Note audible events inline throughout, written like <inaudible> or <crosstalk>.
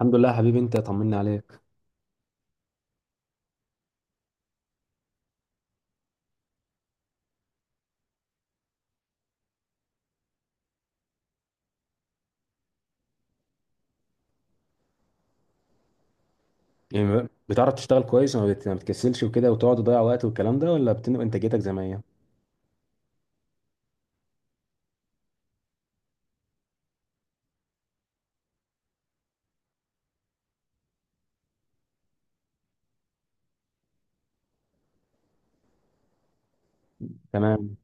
الحمد لله يا حبيبي، انت طمني عليك. يعني بتعرف تشتغل كويس وما ما بتكسلش وكده وتقعد تضيع وقت والكلام ده، ولا انتاجيتك زي ما هي؟ تمام.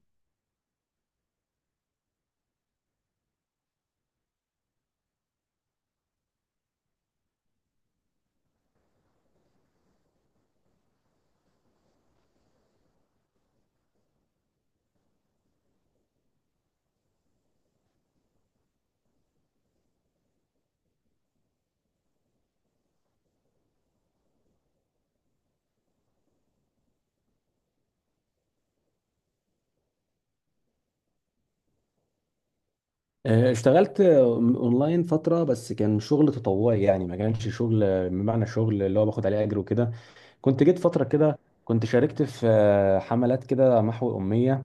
اشتغلت اونلاين فتره، بس كان شغل تطوعي، يعني ما كانش شغل بمعنى شغل اللي هو باخد عليه اجر وكده. كنت جيت فتره كده. كنت شاركت في حملات كده محو اميه،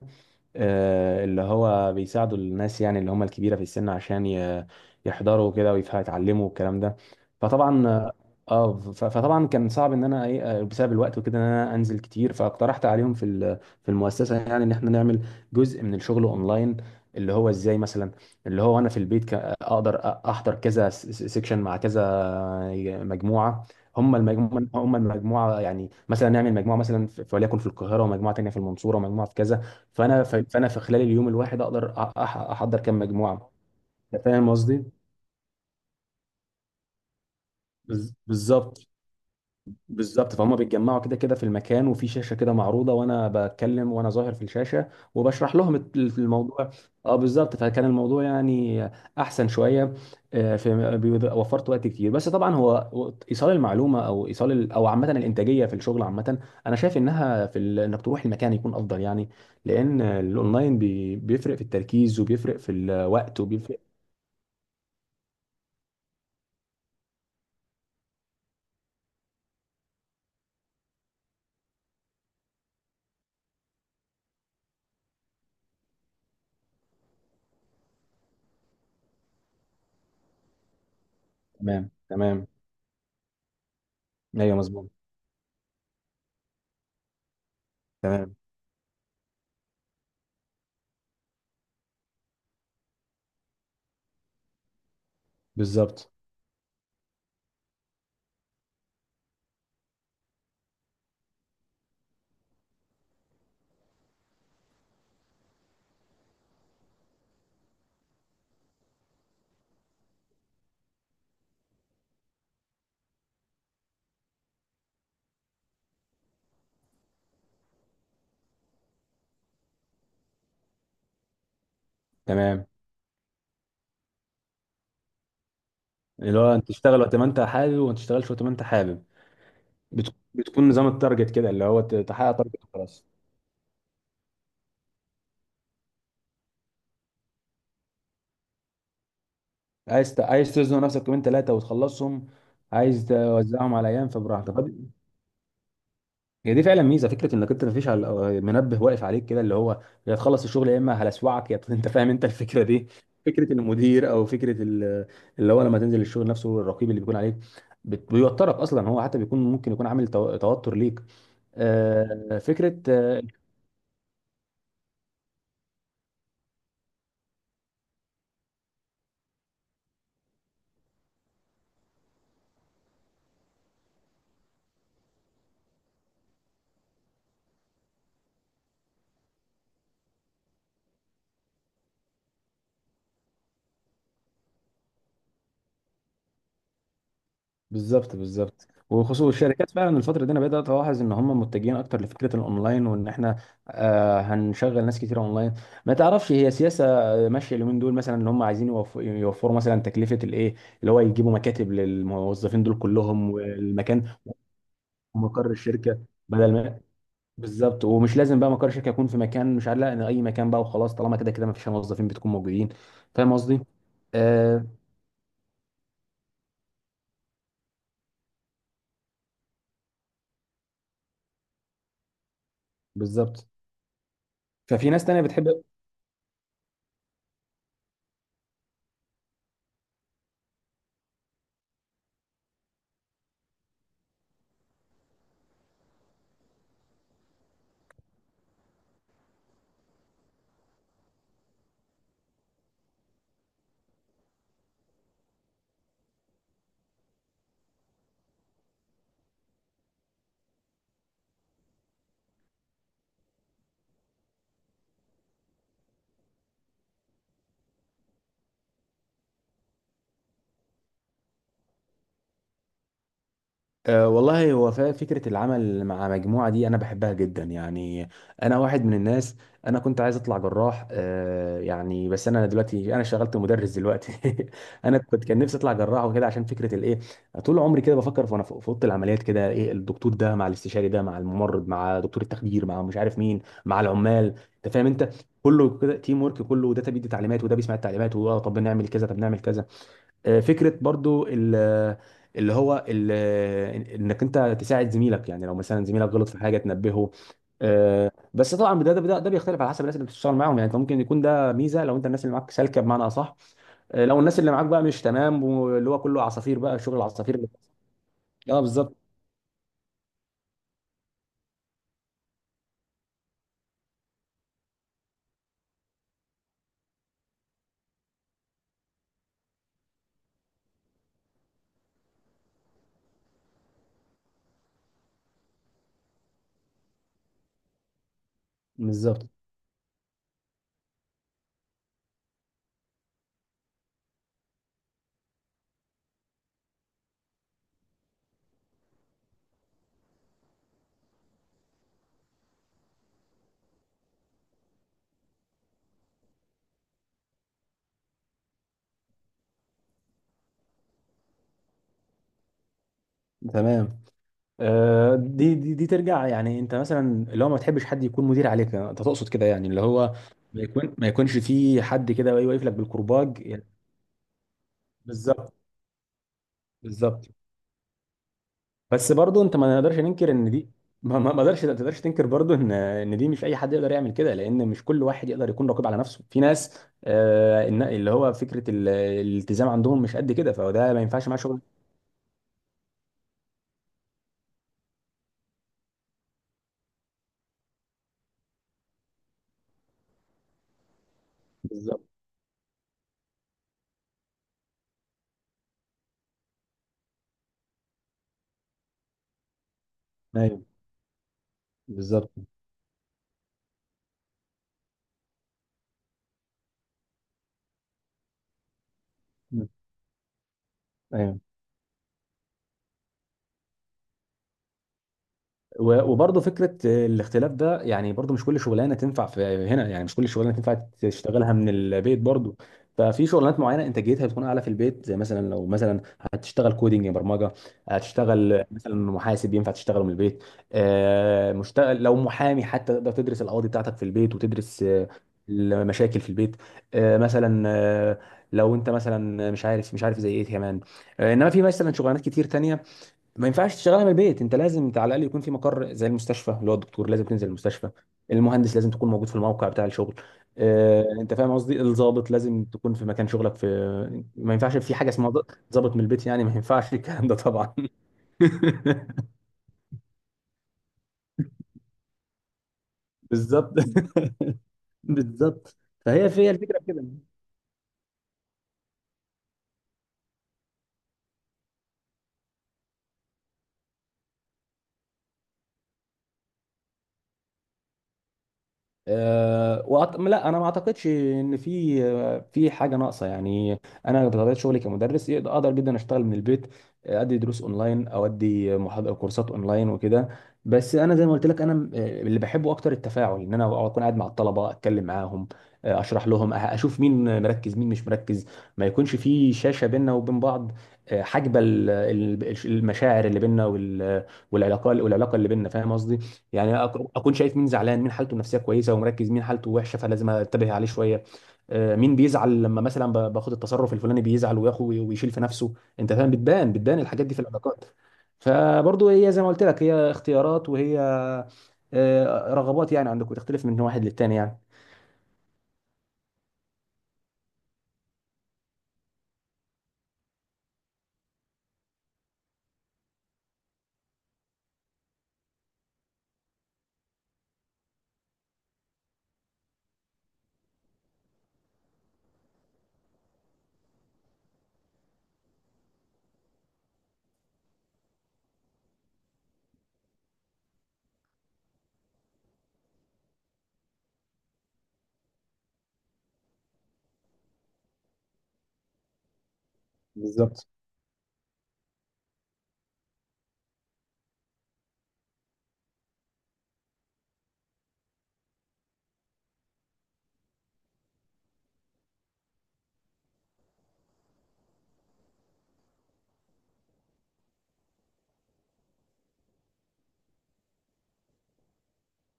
اللي هو بيساعدوا الناس، يعني اللي هم الكبيرة في السن عشان يحضروا كده ويتعلموا الكلام ده. فطبعا. فطبعا كان صعب ان انا ايه، بسبب الوقت وكده ان انا انزل كتير، فاقترحت عليهم في في المؤسسة يعني ان احنا نعمل جزء من الشغل اونلاين. اللي هو ازاي مثلا، اللي هو انا في البيت اقدر احضر كذا سيكشن مع كذا مجموعة. هم المجموعة، يعني مثلا نعمل مجموعة مثلا في وليكن في القاهرة، ومجموعة تانية في المنصورة، ومجموعة في كذا. فانا في خلال اليوم الواحد اقدر احضر كام مجموعه. انت فاهم قصدي. بالظبط. بالظبط، فهم بيتجمعوا كده كده في المكان، وفي شاشه كده معروضه، وانا بتكلم وانا ظاهر في الشاشه، وبشرح لهم الموضوع. اه بالظبط، فكان الموضوع يعني احسن شويه. في وفرت وقت كتير، بس طبعا هو ايصال المعلومه او ايصال او عامه الانتاجيه في الشغل عامه، انا شايف انها في انك تروح المكان يكون افضل يعني. لان الاونلاين بيفرق في التركيز وبيفرق في الوقت وبيفرق. تمام تمام. ايوه مظبوط. تمام. بالظبط. تمام. اللي هو انت تشتغل وقت ما انت حابب، وما تشتغلش وقت ما انت حابب. بتكون نظام التارجت كده، اللي هو تحقق تارجت وخلاص. عايز تزنق نفسك يومين ثلاثه وتخلصهم، عايز توزعهم على ايام فبراحتك هي دي فعلا ميزه، فكره انك انت مفيش على منبه واقف عليك كده، اللي هو يا تخلص الشغل يا اما هلسوعك يا <laughs> انت فاهم انت الفكره دي. فكره المدير او فكره اللي هو لما تنزل الشغل نفسه، الرقيب اللي بيكون عليك بيوترك اصلا، هو حتى بيكون ممكن يكون عامل توتر ليك. فكره بالظبط. بالظبط، وخصوصا الشركات فعلا الفتره دي، انا بدات الاحظ ان هم متجهين اكتر لفكره الاونلاين، وان احنا هنشغل ناس كتير اونلاين، ما تعرفش هي سياسه ماشيه اليومين دول مثلا، ان هم عايزين يوفروا مثلا تكلفه الايه، اللي هو يجيبوا مكاتب للموظفين دول كلهم، والمكان ومقر الشركه. بدل ما بالظبط، ومش لازم بقى مقر الشركه يكون في مكان مش عارف، لا، ان اي مكان بقى وخلاص، طالما كده كده ما فيش موظفين بتكون موجودين. فاهم قصدي؟ آه بالظبط. ففي ناس تانية بتحب. والله هو فكرة العمل مع مجموعة دي أنا بحبها جدا يعني. أنا واحد من الناس. أنا كنت عايز أطلع جراح يعني، بس أنا دلوقتي أنا شغلت مدرس دلوقتي. <laughs> أنا كان نفسي أطلع جراح وكده عشان فكرة الإيه، طول عمري كده بفكر في وأنا في أوضة العمليات كده، إيه، الدكتور ده مع الاستشاري ده مع الممرض مع دكتور التخدير مع مش عارف مين مع العمال، أنت فاهم أنت. كله كده تيم ورك، كله وده بيدي تعليمات، وده بيسمع التعليمات، وده طب نعمل كذا طب نعمل كذا. فكره برضو اللي هو ال- انك انت تساعد زميلك، يعني لو مثلا زميلك غلط في حاجه تنبهه. بس طبعا ده بيختلف على حسب الناس اللي بتشتغل معاهم، يعني انت ممكن يكون ده ميزه لو انت الناس اللي معاك سالكه بمعنى اصح. لو الناس اللي معاك بقى مش تمام، واللي هو كله عصافير بقى، شغل العصافير اللي اه. بالظبط بالظبط تمام. دي ترجع، يعني انت مثلا اللي هو ما تحبش حد يكون مدير عليك، انت تقصد كده، يعني اللي هو ما يكونش في حد كده واقف لك بالكرباج يعني. بالظبط. بالظبط. بس برضه انت ما نقدرش ننكر ان دي، ما تقدرش تنكر برضه ان دي مش اي حد يقدر يعمل كده، لان مش كل واحد يقدر يكون رقيب على نفسه، في ناس اللي هو فكره الالتزام عندهم مش قد كده، فده ما ينفعش معاه شغل. بالظبط. ايوه بالظبط. ايوه. وبرضه فكره الاختلاف ده، يعني برضه مش كل شغلانه تنفع في هنا، يعني مش كل شغلانه تنفع تشتغلها من البيت برضه. ففي شغلانات معينه انتاجيتها بتكون اعلى في البيت، زي مثلا لو مثلا هتشتغل كودينج برمجه، هتشتغل مثلا محاسب ينفع تشتغله من البيت. مشتغل لو محامي حتى، تقدر تدرس القواضي بتاعتك في البيت، وتدرس المشاكل في البيت. آه، مثلا آه، لو انت مثلا مش عارف مش عارف زي ايه كمان. انما في مثلا شغلانات كتير تانية ما ينفعش تشتغلها من البيت، انت لازم انت على الاقل يكون في مقر، زي المستشفى اللي هو الدكتور لازم تنزل المستشفى، المهندس لازم تكون موجود في الموقع بتاع الشغل. اه انت فاهم قصدي، الضابط لازم تكون في مكان شغلك. في ما ينفعش في حاجه اسمها ضابط من البيت يعني، ما ينفعش الكلام ده طبعا. <laughs> بالظبط. <laughs> بالظبط. فهي فيها الفكره في كده. لا انا ما اعتقدش ان في في حاجه ناقصه يعني. انا بطبيعه شغلي كمدرس اقدر جدا اشتغل من البيت، ادي دروس اونلاين او ادي محاضره كورسات اونلاين وكده. بس انا زي ما قلت لك انا اللي بحبه اكتر التفاعل، ان انا اكون قاعد مع الطلبه، اتكلم معاهم، اشرح لهم اشوف مين مركز مين مش مركز، ما يكونش في شاشه بيننا وبين بعض، حاجبه المشاعر اللي بيننا والعلاقه والعلاقه اللي بيننا، فاهم قصدي، يعني اكون شايف مين زعلان، مين حالته النفسيه كويسه ومركز، مين حالته وحشه فلازم انتبه عليه شويه، مين بيزعل لما مثلا باخد التصرف الفلاني بيزعل وياخد ويشيل في نفسه، انت فاهم، بتبان بتبان الحاجات دي في العلاقات. فبرضه هي زي ما قلت لك، هي اختيارات، وهي رغبات يعني عندك، وتختلف من واحد للتاني يعني. بالظبط.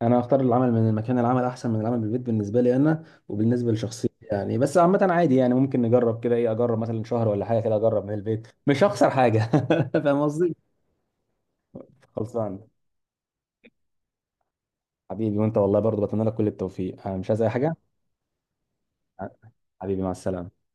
انا اختار العمل من المكان، العمل احسن من العمل بالبيت بالنسبه لي انا وبالنسبه لشخصيتي يعني. بس عامه عادي يعني، ممكن نجرب كده، ايه، اجرب مثلا شهر ولا حاجه كده، اجرب من البيت مش هخسر حاجه. <laughs> فاهم قصدي. خلصان. حبيبي وانت والله برضه بتمنى لك كل التوفيق، أنا مش عايز اي حاجه. آه، حبيبي مع السلامه.